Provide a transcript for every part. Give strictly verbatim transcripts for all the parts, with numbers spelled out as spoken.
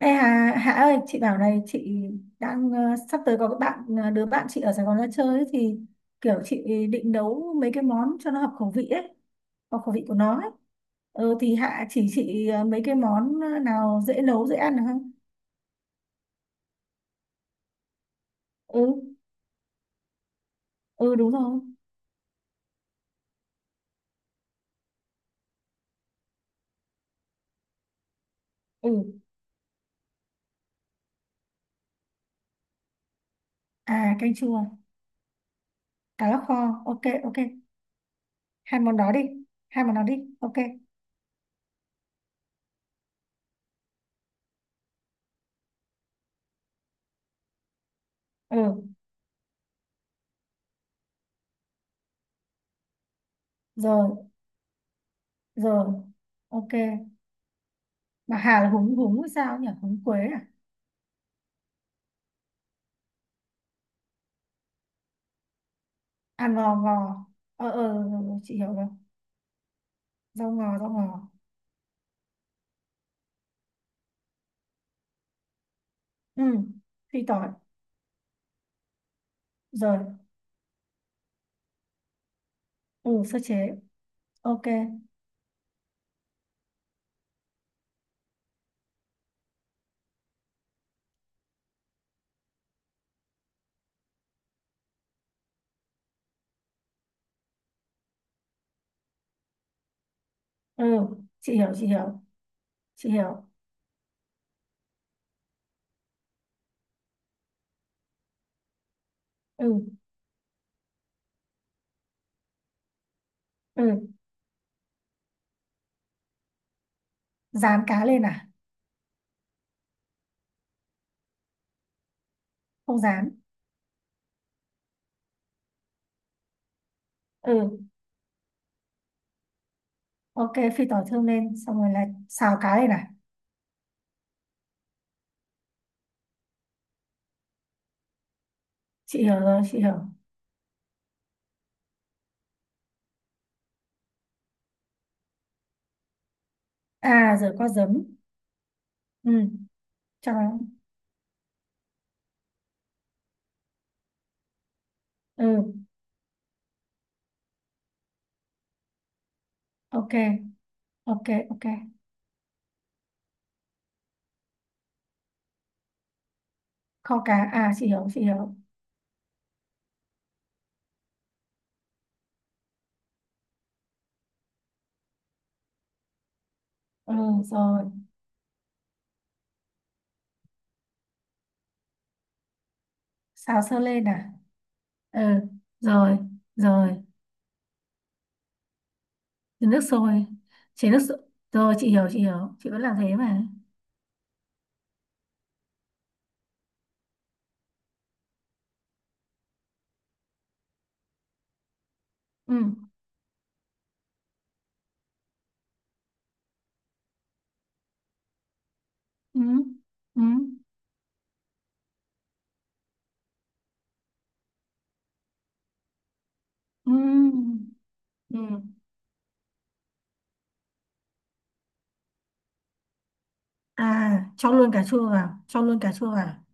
Đây Hà, Hà ơi, chị bảo này, chị đang ờ, sắp tới có cái bạn ờ, đứa bạn chị ở Sài Gòn ra chơi ấy, thì kiểu chị định nấu mấy cái món cho nó hợp khẩu vị ấy, hợp khẩu vị của nó ấy. Ừ, thì Hạ chỉ chị ờ, mấy cái món ờ, nào dễ nấu, dễ ăn được không? Ừ, ừ đúng rồi. Ừ, à canh chua, cá lóc kho, ok ok. Hai món đó đi, hai món đó đi, ok. Ừ, rồi, rồi, ok. Mà Hà là húng húng hay sao nhỉ? Húng quế à? À ngò ngò. Ờ ờ rồi, rồi, chị hiểu rồi. Rau ngò rau ngò. Ừ. Phi tỏi. Rồi. Ừ sơ chế. Ok. Ừ. Chị hiểu chị hiểu. Chị hiểu. Ừ. Ừ. Rán cá lên à? Không rán. Ừ. Ok, phi tỏi thơm lên. Xong rồi là xào cá lên à? Chị hiểu rồi chị hiểu. À rồi có giấm. Ừ. Cho nó. Ừ. Ok. Ok ok. Kho cá. À chị hiểu chị hiểu. Ừ rồi. Xào sơ lên à? Ừ. Rồi. Rồi. Chén nước sôi, chế nước sôi rồi chị hiểu chị hiểu, chị vẫn làm thế mà. Ừ, ừ, ừ, ừ, ừ. À, cho luôn cà chua vào, cho luôn cà chua vào.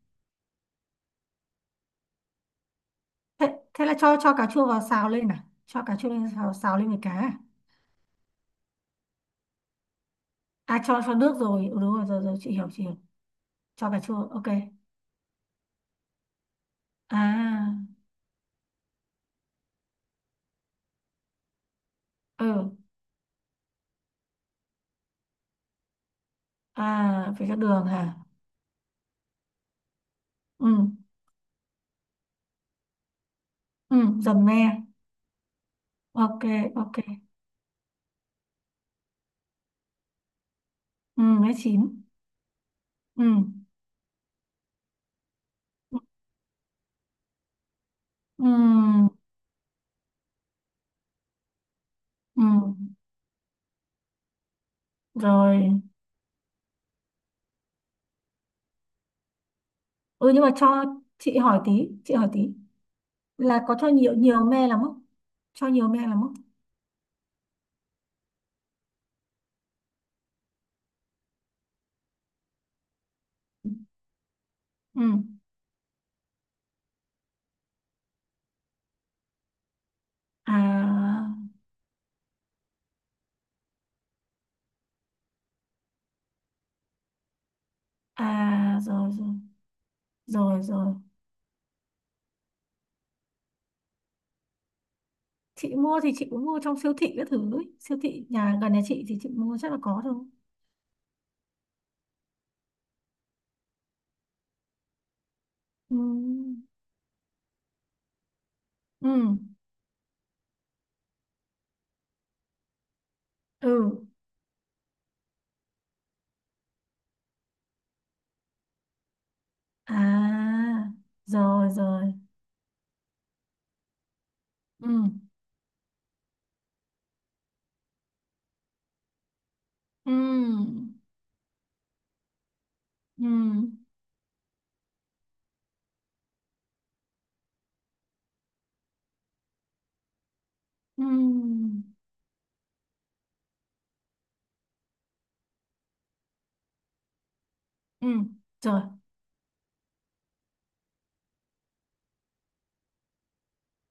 Thế, thế là cho cho cà chua vào xào lên à, cho cà chua lên xào xào lên với cá à? À, cho cho nước rồi, ừ, đúng rồi, rồi, rồi, chị hiểu chị hiểu, cho cà chua ok. À. Ừ. À phải cho đường hả? Ừ. Ừ dầm me. Ok. Ok. Ừ nó chín. Ừ. Ừ. Ừ rồi. Ừ nhưng mà cho, chị hỏi tí, chị hỏi tí là có cho nhiều nhiều me lắm không, cho nhiều me lắm không? Ừ. À. À rồi rồi rồi rồi. Chị mua thì chị cũng mua trong siêu thị các thứ ấy. Siêu thị nhà gần nhà chị thì chị mua chắc là có thôi. Ừ. Ừ. Ừ. À rồi rồi. Ừ. Ừ. Ừ. Ừ. Ừ. Rồi.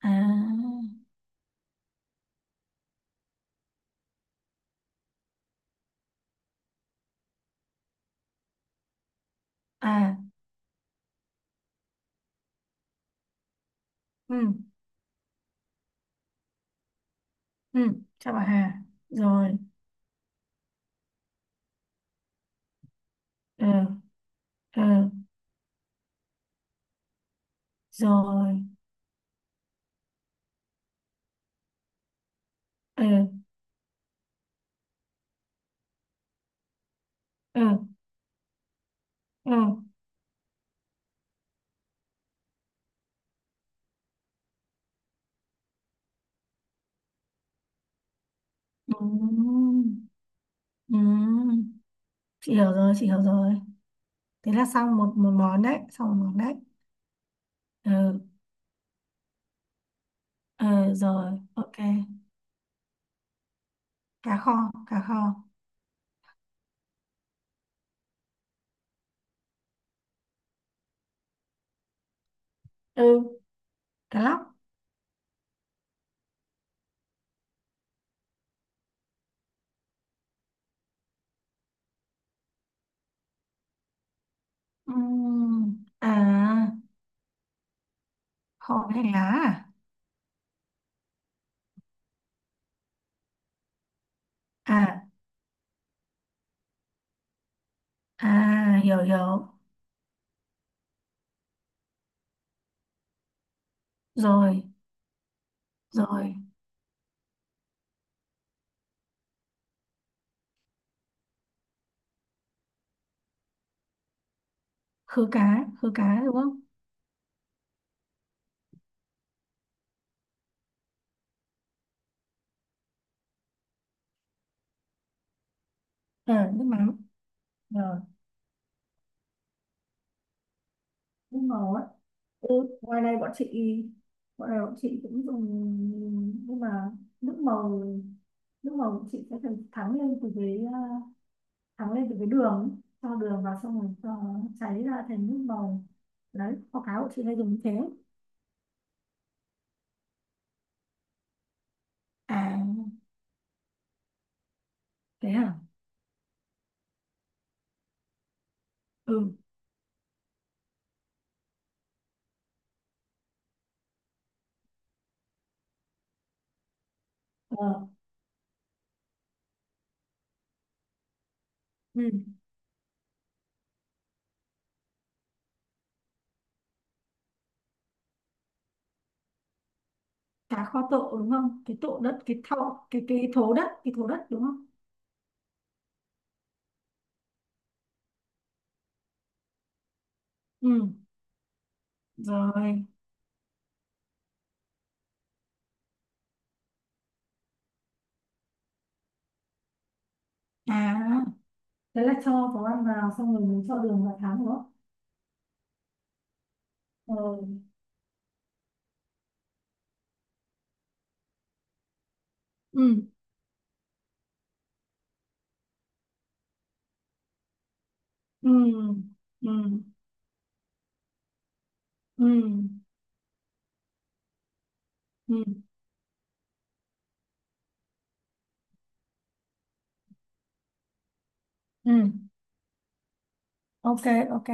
À. À. Ừ. Ừ. Chào bà Hà. Rồi. Ờ. Ờ rồi. Ờ. Ờ. Ờ. Ừ. Ừ. Chị hiểu rồi chị hiểu rồi. Thế là xong một một món đấy, xong một món đấy. Ừ. Ờ rồi ok. Cá kho, cá kho. Ừ cá lóc. Ừ. À kho với hành lá. À. À à hiểu hiểu. Rồi. Rồi khứ cá, khứ cá đúng không? Ờ nước mắm. Rồi. Đúng rồi. Ừ, ngoài này bọn chị, bọn này bọn chị cũng dùng nhưng mà nước màu, nước màu bọn chị sẽ phải thắng lên từ cái à, thắng lên từ cái đường ấy. Cho đường vào xong rồi cho nó cháy ra thành nước màu, đấy kho cá bọn chị hay dùng như thế. À, thế à? Ừ. ờ, Ừ. Cá kho tộ đúng không, cái tộ đất, cái thau, cái cái thố đất, cái thố đất đúng không? Ừ. Rồi. À, thế là cho có ăn vào xong rồi mới cho đường vào thắng đúng không? ờ, ừ. Ừ. Ừ. Ừ. Ừ. Ừ. Ok. Ok.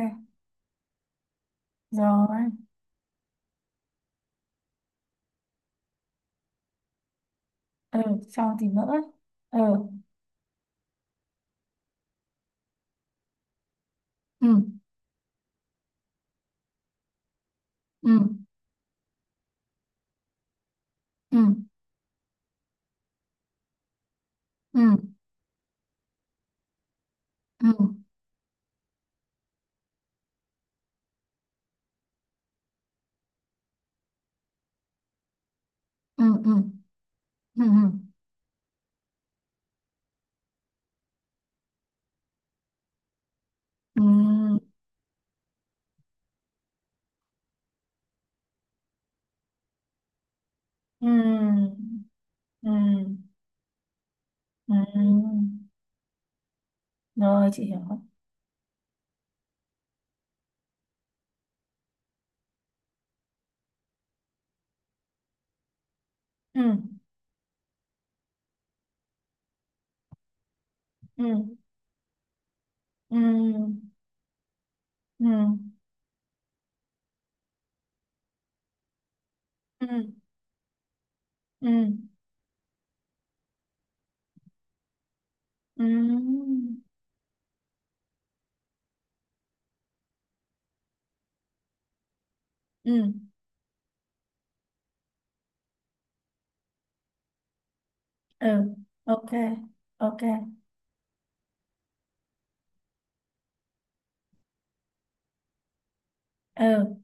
Rồi. Ừ sau thì nữa. Ừ. Ừ. Ừ. Ừ. Ừ. Ừ. Ừ. Ừ. Ừ. Ừ. Ừ. Ừ. Ừ. Ừ. Rồi chị hiểu. Ừ. Ừ. Ừ. Ừ. Ừ. Ừ. Ừ. Ừ. Ừ. Ok. Ok. Ừ.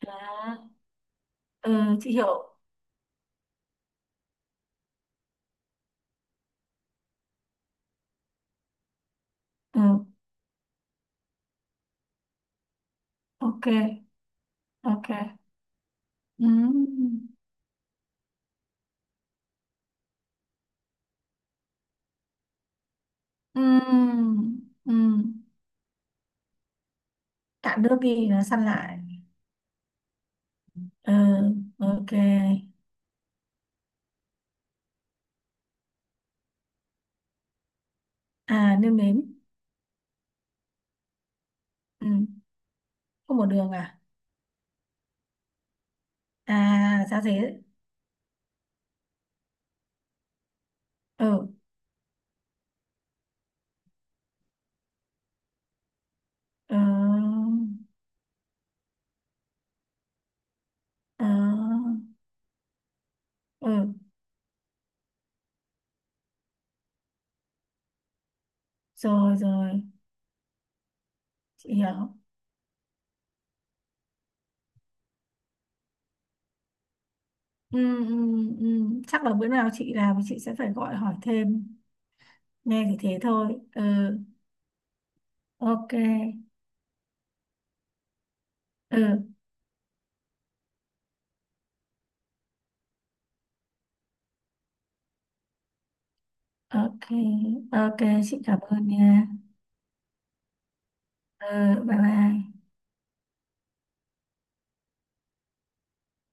Đó. Ừ chị hiểu. Ừ, ok, ok. Ừm, ừm, ừm. Cạn nước đi, nó săn lại. Ừ, ok. À, nêm nếm. Ừ, không một đường à? À, giá dế. Ừ, ừ, ừ, ừ. Rồi, rồi, chị hiểu. Ừ, ừ, ừ. Chắc là bữa nào chị làm thì chị sẽ phải gọi hỏi thêm. Nghe thì thế thôi. Ừ, ok. Ừ, ok, ok. Chị cảm ơn nha. Ừ, bye bye.